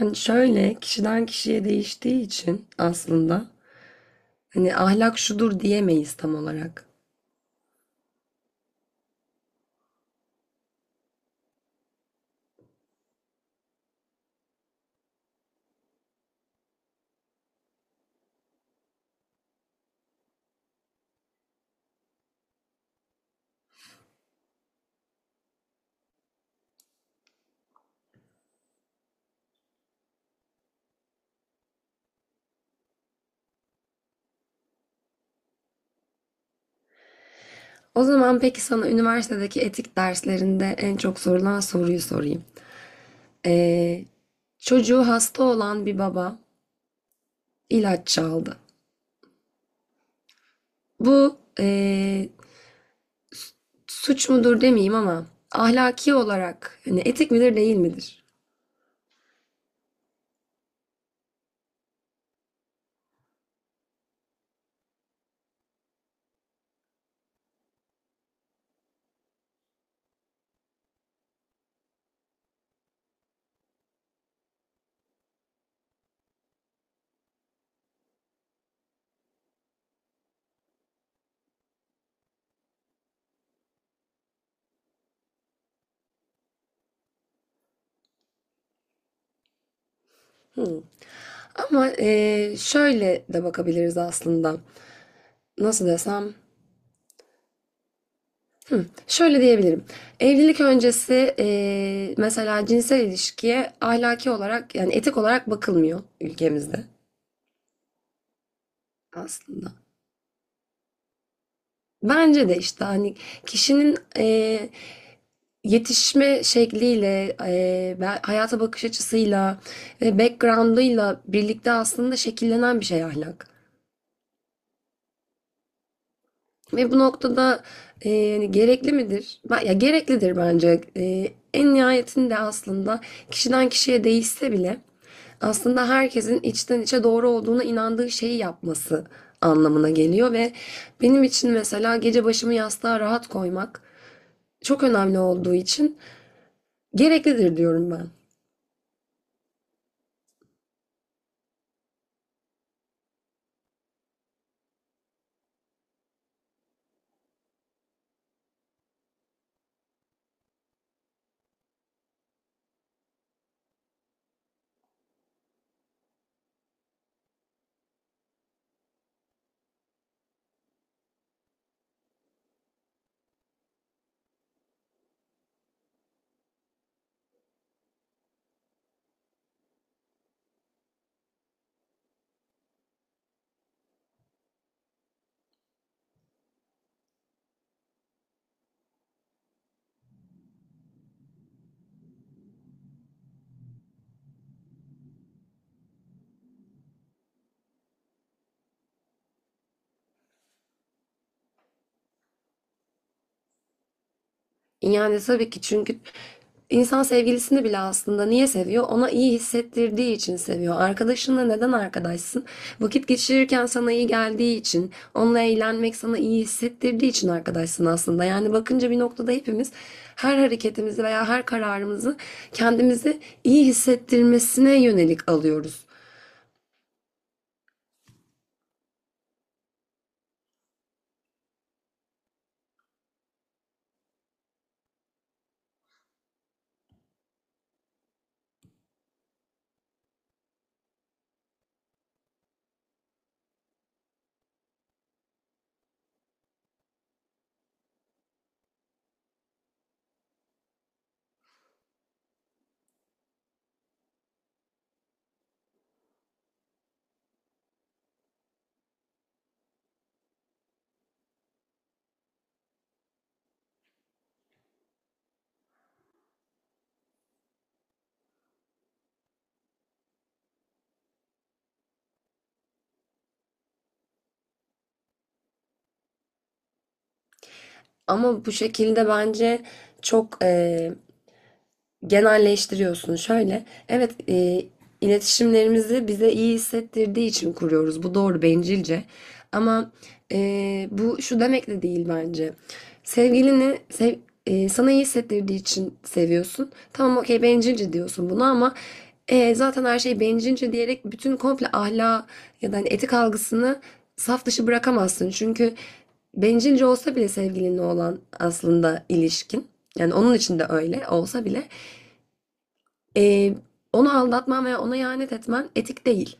Yani şöyle kişiden kişiye değiştiği için aslında hani ahlak şudur diyemeyiz tam olarak. O zaman peki sana üniversitedeki etik derslerinde en çok sorulan soruyu sorayım. Ee, Çocuğu hasta olan bir baba ilaç çaldı. Bu suç mudur demeyeyim ama ahlaki olarak hani etik midir değil midir? Hmm. Ama şöyle de bakabiliriz aslında. Nasıl desem? Şöyle diyebilirim. Evlilik öncesi mesela cinsel ilişkiye ahlaki olarak yani etik olarak bakılmıyor ülkemizde aslında. Bence de işte hani kişinin yetişme şekliyle, hayata bakış açısıyla ve background'ıyla birlikte aslında şekillenen bir şey ahlak. Ve bu noktada yani gerekli midir? Ya gereklidir bence. En nihayetinde aslında kişiden kişiye değişse bile aslında herkesin içten içe doğru olduğuna inandığı şeyi yapması anlamına geliyor ve benim için mesela gece başımı yastığa rahat koymak çok önemli olduğu için gereklidir diyorum ben. Yani tabii ki çünkü insan sevgilisini bile aslında niye seviyor? Ona iyi hissettirdiği için seviyor. Arkadaşınla neden arkadaşsın? Vakit geçirirken sana iyi geldiği için, onunla eğlenmek sana iyi hissettirdiği için arkadaşsın aslında. Yani bakınca bir noktada hepimiz her hareketimizi veya her kararımızı kendimizi iyi hissettirmesine yönelik alıyoruz. Ama bu şekilde bence çok genelleştiriyorsun. Şöyle, evet, iletişimlerimizi bize iyi hissettirdiği için kuruyoruz. Bu doğru, bencilce. Ama bu şu demek de değil bence. Sevgilini sev, Sana iyi hissettirdiği için seviyorsun. Tamam, okey, bencilce diyorsun bunu ama zaten her şey bencilce diyerek bütün komple ahlak ya da hani etik algısını saf dışı bırakamazsın. Çünkü bencilce olsa bile sevgilinle olan aslında ilişkin. Yani onun için de öyle olsa bile Eee, onu aldatman veya ona ihanet etmen etik değil.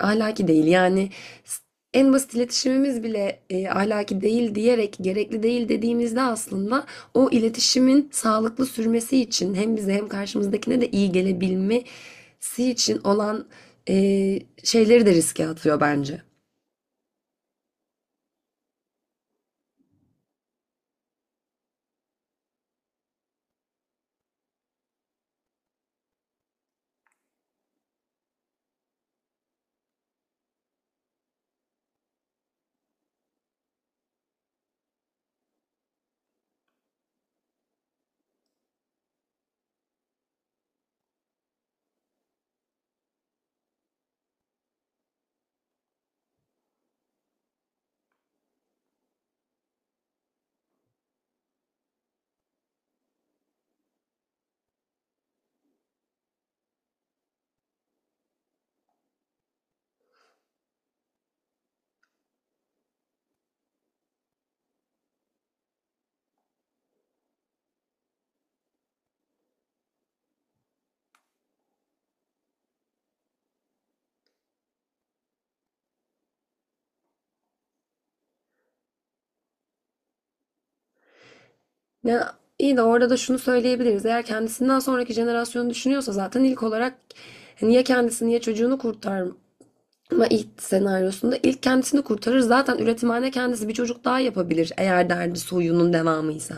Ahlaki değil. S- En basit iletişimimiz bile ahlaki değil diyerek gerekli değil dediğimizde aslında o iletişimin sağlıklı sürmesi için hem bize hem karşımızdakine de iyi gelebilmesi için olan şeyleri de riske atıyor bence. Ya iyi de orada da şunu söyleyebiliriz. Eğer kendisinden sonraki jenerasyonu düşünüyorsa zaten ilk olarak niye çocuğunu kurtar, ama ilk senaryosunda ilk kendisini kurtarır. Zaten üretimhane kendisi bir çocuk daha yapabilir eğer derdi soyunun devamıysa.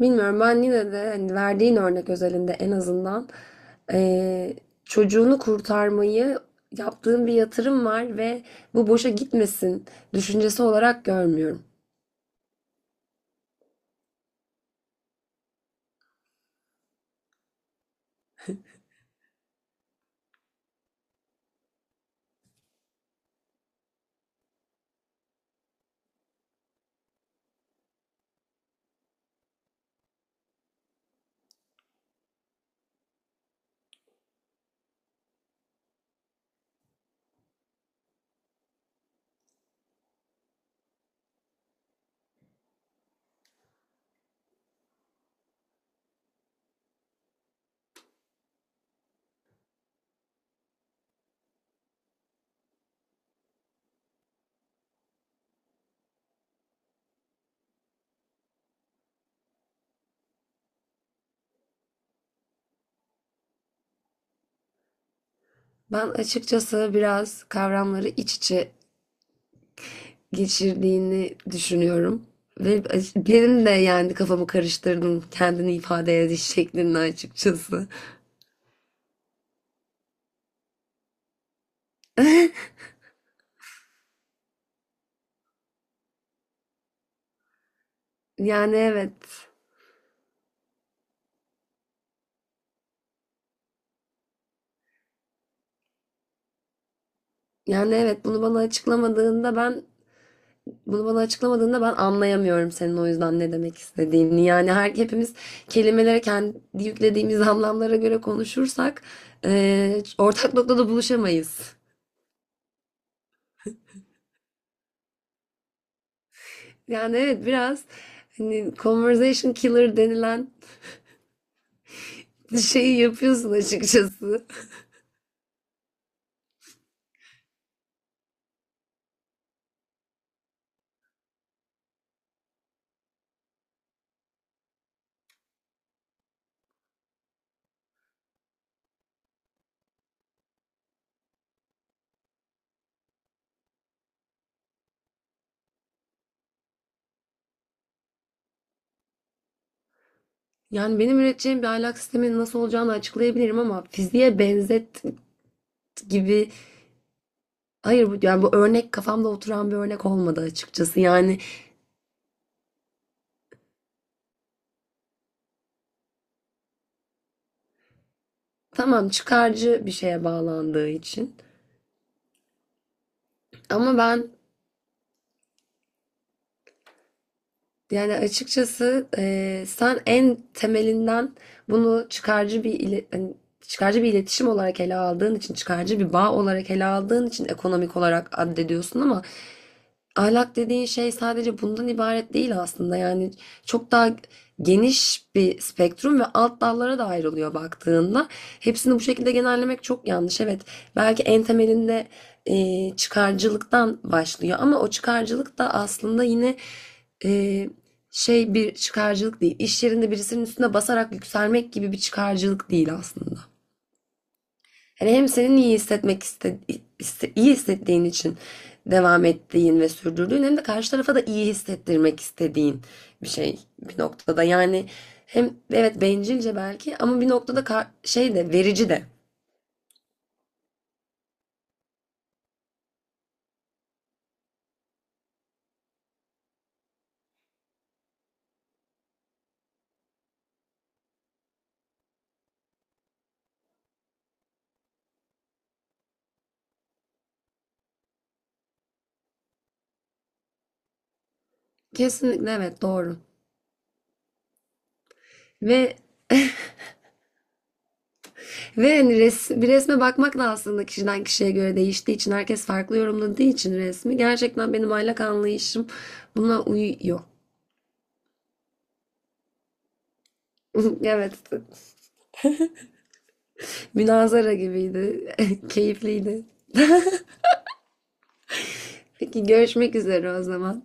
Bilmiyorum, ben yine de hani verdiğin örnek özelinde en azından eee, çocuğunu kurtarmayı yaptığın bir yatırım var ve bu boşa gitmesin düşüncesi olarak görmüyorum. Ben açıkçası biraz kavramları iç içe geçirdiğini düşünüyorum. Ve benim de yani kafamı karıştırdın kendini ifade ediş şeklinde açıkçası. Yani evet. Yani evet, bunu bana açıklamadığında ben anlayamıyorum senin o yüzden ne demek istediğini. Yani hepimiz kelimelere kendi yüklediğimiz anlamlara göre konuşursak ortak noktada buluşamayız. Yani evet, biraz hani conversation killer denilen şeyi yapıyorsun açıkçası. Yani benim üreteceğim bir ahlak sisteminin nasıl olacağını açıklayabilirim ama fiziğe benzet gibi. Hayır, bu yani bu örnek kafamda oturan bir örnek olmadı açıkçası. Yani tamam, çıkarcı bir şeye bağlandığı için. Ama ben yani açıkçası, sen en temelinden bunu çıkarcı bir iletişim olarak ele aldığın için, çıkarcı bir bağ olarak ele aldığın için ekonomik olarak addediyorsun ama ahlak dediğin şey sadece bundan ibaret değil aslında. Yani çok daha geniş bir spektrum ve alt dallara da ayrılıyor baktığında. Hepsini bu şekilde genellemek çok yanlış. Evet, belki en temelinde çıkarcılıktan başlıyor ama o çıkarcılık da aslında yine e, bir çıkarcılık değil. İş yerinde birisinin üstüne basarak yükselmek gibi bir çıkarcılık değil aslında. Hani hem senin iyi hissetmek iste, iste- iyi hissettiğin için devam ettiğin ve sürdürdüğün hem de karşı tarafa da iyi hissettirmek istediğin bir şey bir noktada. Yani hem evet bencilce belki ama bir noktada ka- şey de verici de. Kesinlikle, evet, doğru. Ve Bir resme bakmak da aslında kişiden kişiye göre değiştiği için herkes farklı yorumladığı için resmi gerçekten benim aylak anlayışım buna uyuyor. Evet, münazara gibiydi. Keyifliydi. Peki, görüşmek üzere o zaman.